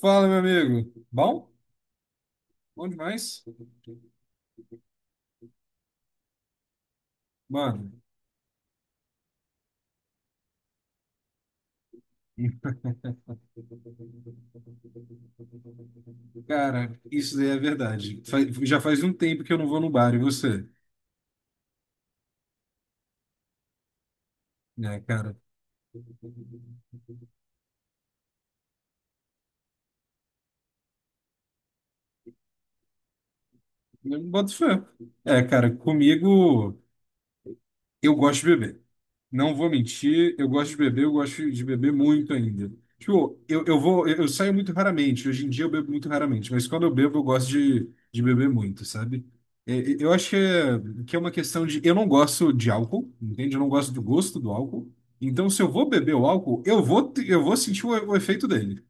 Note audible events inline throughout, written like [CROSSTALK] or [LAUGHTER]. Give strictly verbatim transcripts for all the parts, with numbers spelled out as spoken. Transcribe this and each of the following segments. Fala, meu amigo. Bom? Bom demais? Mano, [LAUGHS] cara, isso daí é verdade. Fa- Já faz um tempo que eu não vou no bar, e você? Né, cara, eu não boto fé. É, cara, comigo. Eu gosto de beber. Não vou mentir, eu gosto de beber, eu gosto de beber muito ainda. Tipo, eu, eu vou, eu, eu saio muito raramente. Hoje em dia eu bebo muito raramente, mas quando eu bebo, eu gosto de, de beber muito, sabe? É, é, Eu acho que é, que é uma questão de. Eu não gosto de álcool, entende? Eu não gosto do gosto do álcool. Então, se eu vou beber o álcool, eu vou, te- eu vou sentir o, o efeito dele.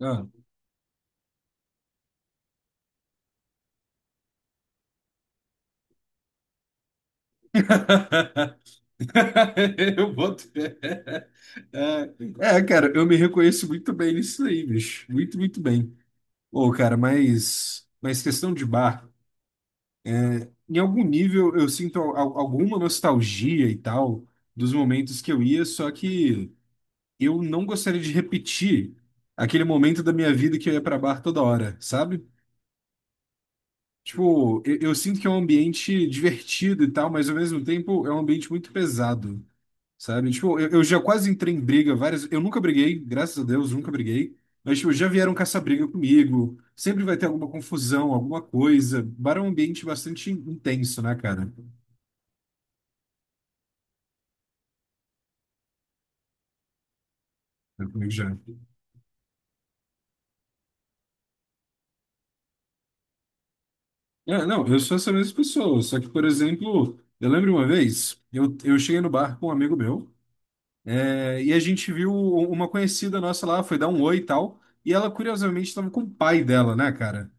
Ah. [LAUGHS] Eu boto fé. [LAUGHS] É, é, cara, eu me reconheço muito bem nisso aí, bicho. Muito, muito bem. Ô, cara, mas, mas questão de bar, em algum nível eu sinto al- alguma nostalgia e tal dos momentos que eu ia, só que eu não gostaria de repetir aquele momento da minha vida que eu ia pra bar toda hora, sabe? Tipo, eu, eu sinto que é um ambiente divertido e tal, mas ao mesmo tempo é um ambiente muito pesado. Sabe? Tipo, eu, eu já quase entrei em briga várias. Eu nunca briguei, graças a Deus, nunca briguei. Mas, tipo, já vieram caçar briga comigo. Sempre vai ter alguma confusão, alguma coisa. Bar é um ambiente bastante intenso, né, cara? É, comigo já. É, É, não, eu sou essa mesma pessoa. Só que, por exemplo, eu lembro uma vez, eu, eu cheguei no bar com um amigo meu, é, e a gente viu uma conhecida nossa lá, foi dar um oi e tal. E ela, curiosamente, estava com o pai dela, né, cara?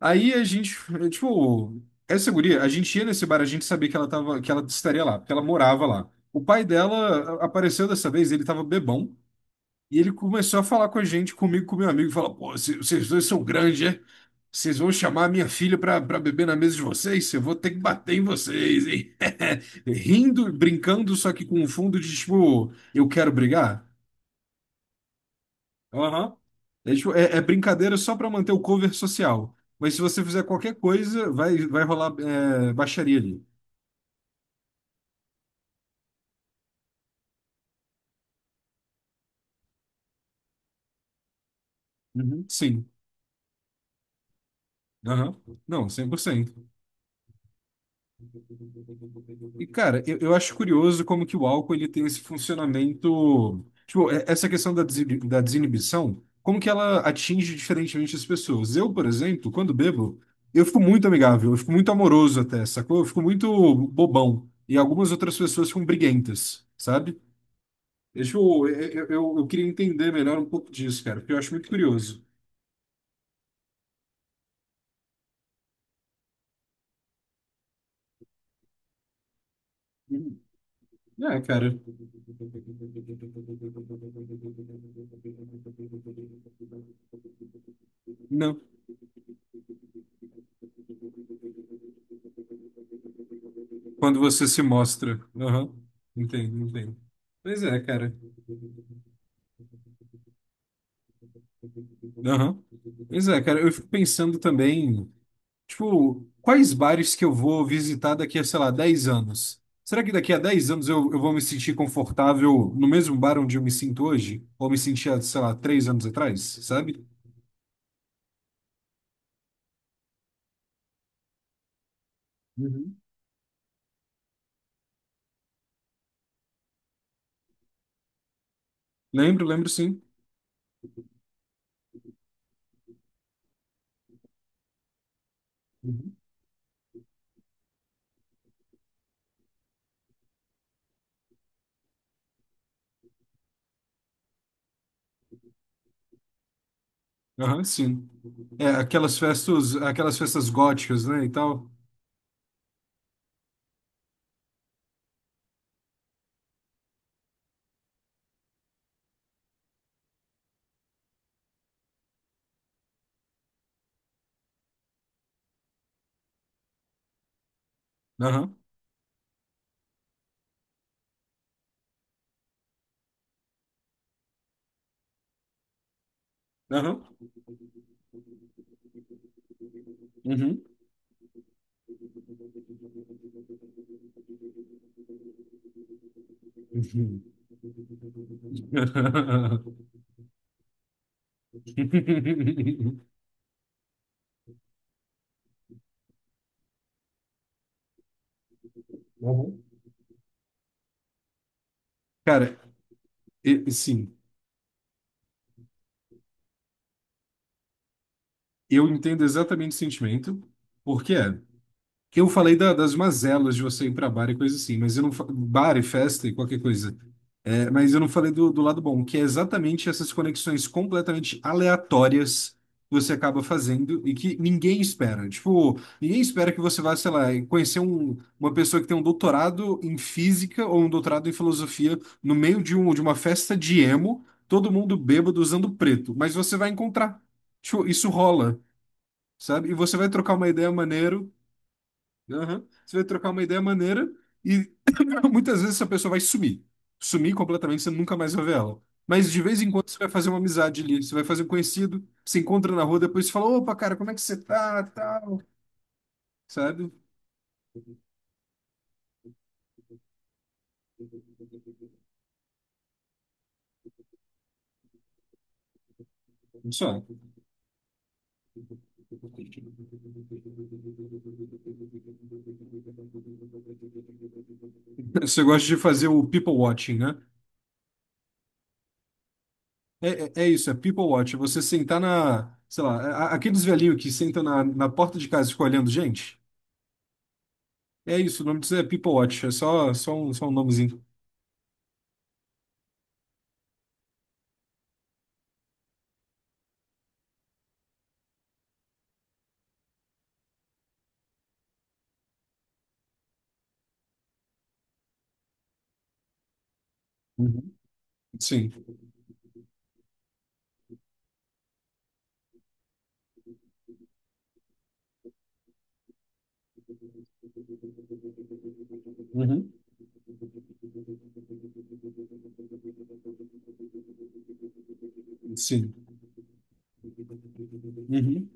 Aí a gente, eh, tipo, essa guria, a gente ia nesse bar, a gente sabia que ela tava, que ela estaria lá, porque ela morava lá. O pai dela a- apareceu dessa vez, ele tava bebão, e ele começou a falar com a gente, comigo, com meu amigo, e falou: Pô, cê- vocês dois são grandes, é? Vocês vão chamar a minha filha pra, pra beber na mesa de vocês? Eu vou ter que bater em vocês, hein? [LAUGHS] Rindo, brincando, só que com um fundo de tipo, eu quero brigar. Aham. É, tipo, é- é brincadeira só para manter o cover social. Mas se você fizer qualquer coisa, vai, vai rolar é, baixaria ali. Uhum. Sim. Aham. Não, cem por cento. E, cara, eu, eu acho curioso como que o álcool ele tem esse funcionamento. Tipo, é- essa questão da, desi- da desinibição, como que ela atinge diferentemente as pessoas. Eu, por exemplo, quando bebo, eu fico muito amigável, eu fico muito amoroso até, sacou? Eu fico muito bobão. E algumas outras pessoas ficam briguentas, sabe? Deixa eu, eu, eu, eu queria entender melhor um pouco disso, cara, porque eu acho muito curioso. Hum. É, cara. Não. Quando você se mostra. Aham. Entendo, entendo. Pois é, cara. Aham. Pois é, cara, eu fico pensando também. Tipo, quais bares que eu vou visitar daqui a, sei lá, dez anos? Será que daqui a dez anos eu, eu vou me sentir confortável no mesmo bar onde eu me sinto hoje? Ou me sentia, sei lá, três anos atrás, sabe? Uhum. Lembro, lembro sim. Uhum. Aham, sim. É, aquelas festas, aquelas festas góticas, né, e tal. Aham, aham. Uhum. Uhum. [LAUGHS] Uhum. Cara, e- sim, eu entendo exatamente o sentimento, porque é. Que eu falei da- das mazelas de você ir para bar e coisa assim, mas eu não fa- bar e festa e qualquer coisa. É, mas eu não falei do, do lado bom, que é exatamente essas conexões completamente aleatórias que você acaba fazendo e que ninguém espera. Tipo, ninguém espera que você vá, sei lá, conhecer um- uma pessoa que tem um doutorado em física ou um doutorado em filosofia no meio de, um, de uma festa de emo, todo mundo bêbado usando preto, mas você vai encontrar. Tipo, isso rola. Sabe? E você vai trocar uma ideia maneira. Aham. Você vai trocar uma ideia maneira e [CLEARS THROAT] muitas vezes essa pessoa vai sumir. Sumir completamente, você nunca mais vai ver ela. Mas de vez em quando você vai fazer uma amizade ali, você vai fazer um conhecido, se encontra na rua, depois você fala, opa, cara, como é que você tá, tal, sabe? Só. [LAUGHS] Você gosta de fazer o people watching, né? É, é, é isso, é people watch. É, você sentar na, sei lá, a- a- aqueles velhinhos que sentam na, na porta de casa e ficam olhando gente. É isso, o nome disso é people watch, é só, só um, só um nomezinho. Uhum. Sim. Uhum. Sim. Uhum.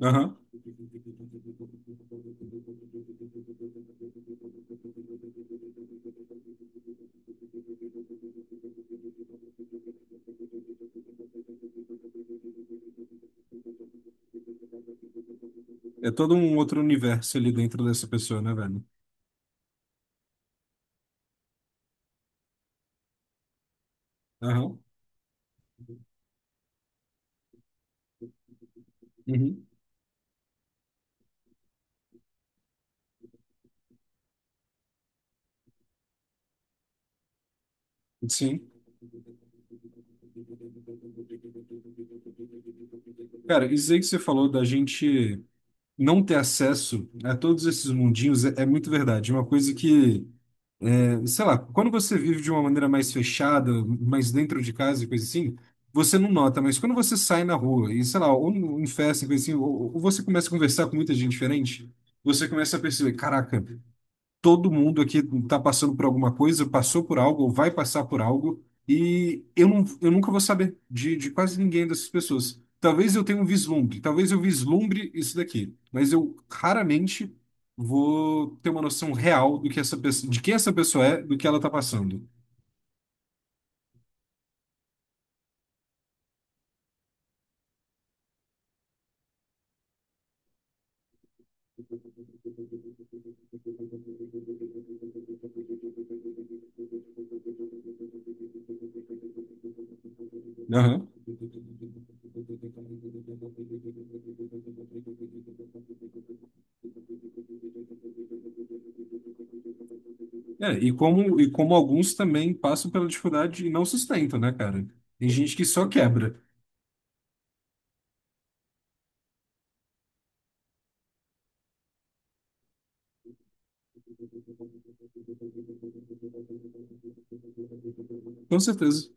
Aham. É todo um outro universo ali dentro dessa pessoa, né, velho? Aham. Uhum. Sim. Cara, isso aí que você falou da gente não ter acesso a todos esses mundinhos é, é muito verdade. Uma coisa que, é, sei lá, quando você vive de uma maneira mais fechada, mais dentro de casa e coisa assim, você não nota, mas quando você sai na rua e, sei lá, ou em festa e coisa assim, ou, ou você começa a conversar com muita gente diferente, você começa a perceber, caraca. Todo mundo aqui está passando por alguma coisa, passou por algo ou vai passar por algo, e eu, não, eu nunca vou saber de, de, quase ninguém dessas pessoas. Talvez eu tenha um vislumbre, talvez eu vislumbre isso daqui, mas eu raramente vou ter uma noção real do que essa pessoa, de quem essa pessoa é, do que ela está passando. Aham. É, e como, e como alguns também passam pela dificuldade e não sustentam, né, cara? Tem gente que só quebra. Com certeza.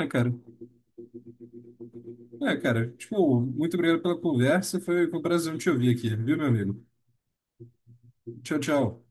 É, cara. É, cara, tipo, muito obrigado pela conversa. Foi, um prazer te ouvir aqui, viu, meu amigo? Tchau, tchau.